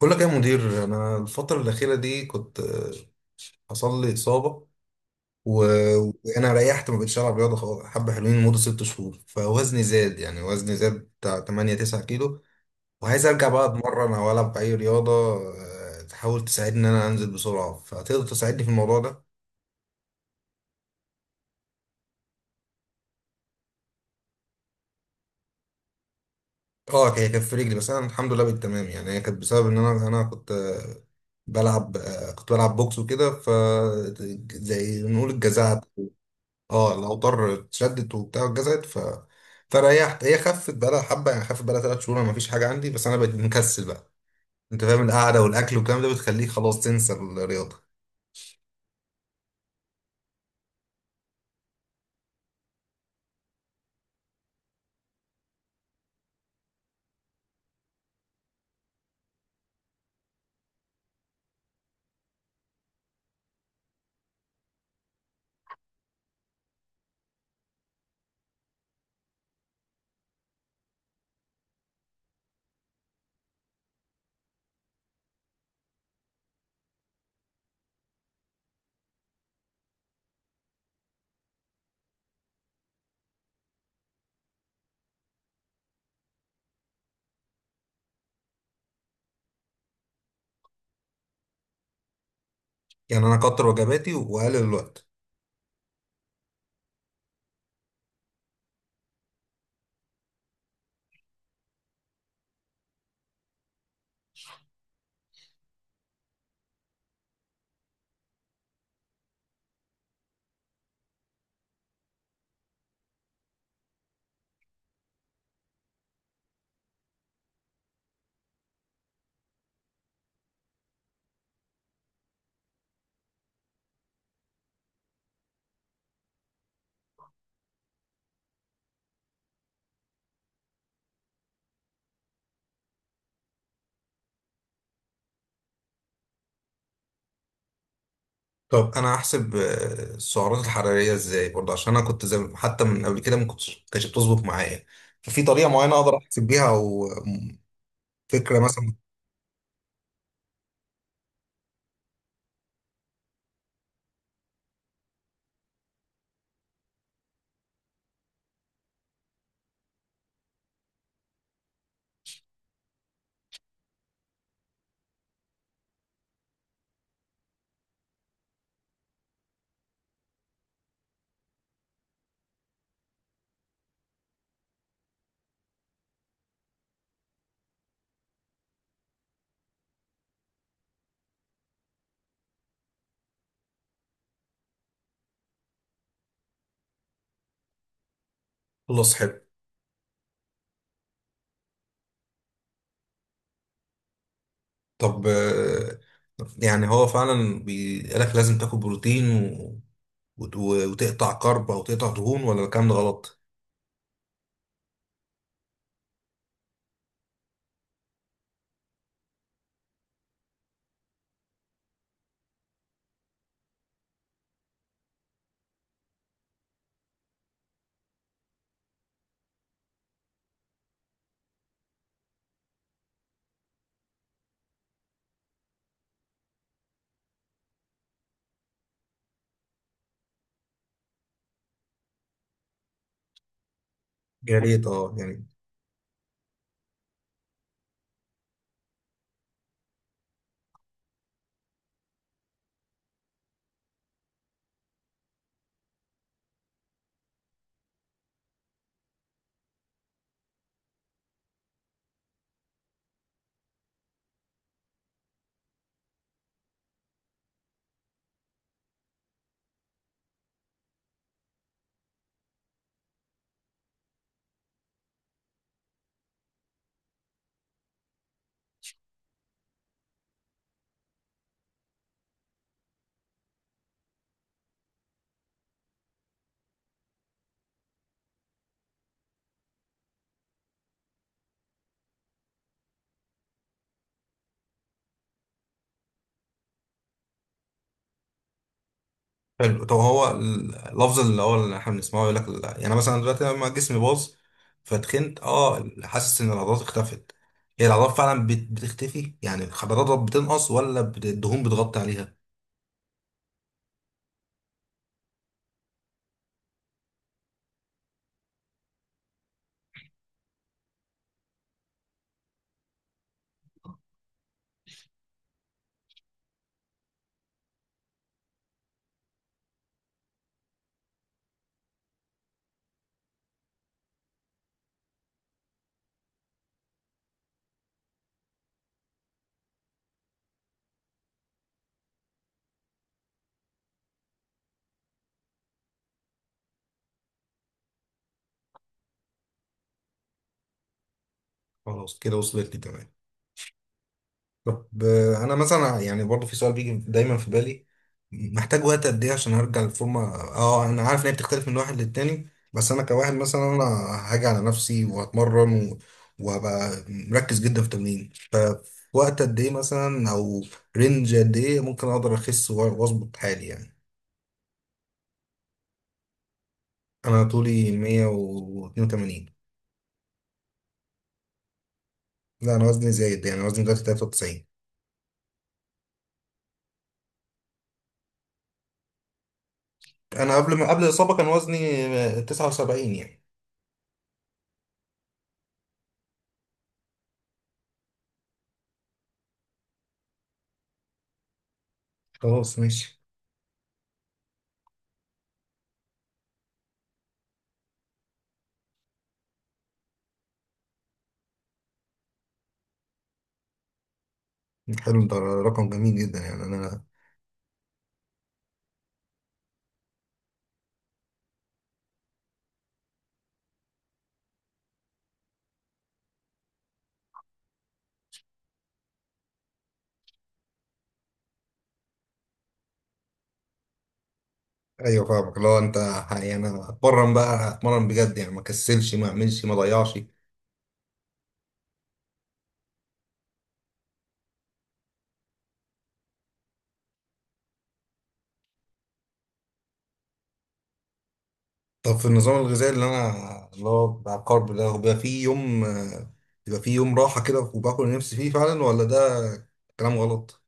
بقول لك إيه يا مدير، انا الفتره الاخيره دي كنت حصل لي اصابه. وانا ريحت ما بقتش العب رياضه خالص حبه حلوين لمده 6 شهور، فوزني زاد، يعني وزني زاد بتاع 8 9 كيلو، وعايز ارجع بقى اتمرن او العب اي رياضه. تحاول تساعدني ان انزل بسرعه، فتقدر تساعدني في الموضوع ده؟ اه هي كانت في رجلي، بس انا الحمد لله بقيت تمام. يعني هي كانت بسبب ان انا كنت بلعب، كنت بلعب بوكس وكده، ف زي نقول الجزعة. اه الاوتار اتشدت وبتاع اتجزت، ف فريحت، هي خفت بقالها حبه، يعني خفت بقالها 3 شهور ما فيش حاجه عندي، بس انا بقيت مكسل بقى. انت فاهم، القعده والاكل والكلام ده بتخليك خلاص تنسى الرياضه. يعني انا اكتر وجباتي واقلل الوقت. طب انا هحسب السعرات الحراريه ازاي برضه؟ عشان انا كنت زي حتى من قبل كده ما كنتش كانتش بتظبط معايا. ففي طريقه معينه اقدر احسب بيها، او فكره مثلا؟ خلاص حلو. طب يعني هو فعلا بيقولك لازم تاكل بروتين وتقطع كرب او تقطع دهون، ولا الكلام ده غلط؟ يا ريت اه يعني. حلو. طب هو اللفظ اللي هو اللي احنا بنسمعه يقول لك لا، يعني مثلا دلوقتي لما جسمي باظ فتخنت، اه حاسس ان العضلات اختفت. هي العضلات فعلا بتختفي، يعني الخضروات بتنقص، ولا الدهون بتغطي عليها؟ خلاص كده وصلت لي تمام. طب انا مثلا يعني برضو في سؤال بيجي دايما في بالي، محتاج وقت قد ايه عشان ارجع للفورمه؟ اه انا عارف ان هي بتختلف من واحد للتاني، بس انا كواحد مثلا، انا هاجي على نفسي وهتمرن وهبقى مركز جدا في التمرين. فوقت قد ايه مثلا، او رينج قد ايه ممكن اقدر اخس واظبط حالي يعني؟ انا طولي 182. لا انا وزني زايد، يعني وزني دلوقتي 93. انا قبل ما قبل الاصابه كان وزني 79 يعني. خلاص ماشي. حلو ده رقم جميل جدا، يعني انا. ايوه فاهمك. لو انت يعني، انا اتمرن بقى اتمرن بجد، يعني ما كسلش ما اعملش ما ضيعش. طب في النظام الغذائي اللي انا اللي هو بتاع الكارب ده، هو بيبقى فيه يوم بيبقى فيه يوم راحه كده وباكل اللي نفسي فيه فعلا، ولا ده كلام غلط؟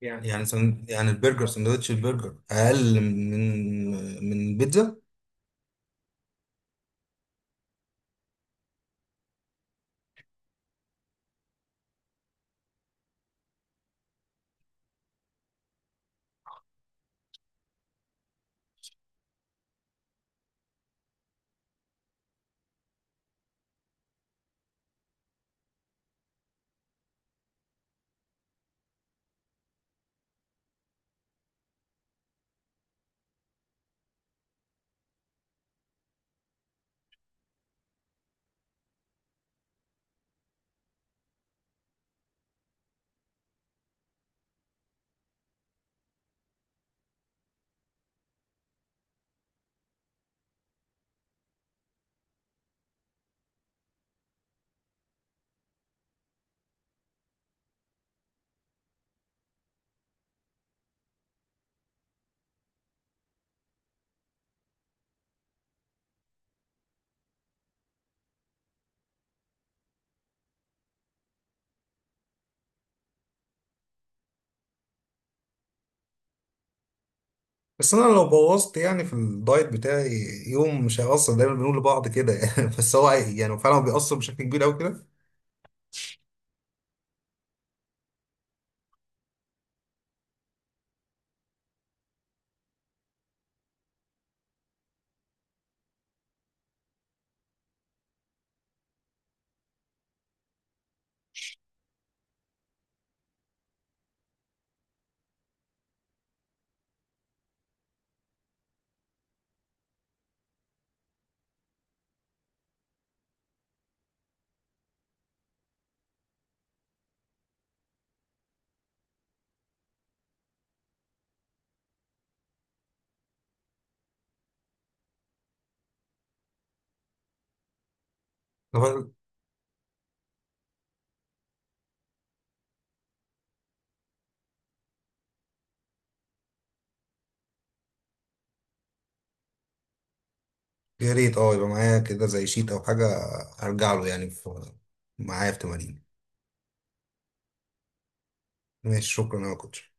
يعني يعني يعني البرجر، سندوتش البرجر اقل من من البيتزا؟ بس انا لو بوظت يعني في الدايت بتاعي يوم مش هيأثر، دايما بنقول لبعض كده يعني، بس هو يعني فعلا هو بيأثر بشكل كبير قوي. كده يا ريت اه يبقى معايا كده زي شيت او حاجة هرجع له، يعني في معايا في تمارين. ماشي، شكرا يا كوتش.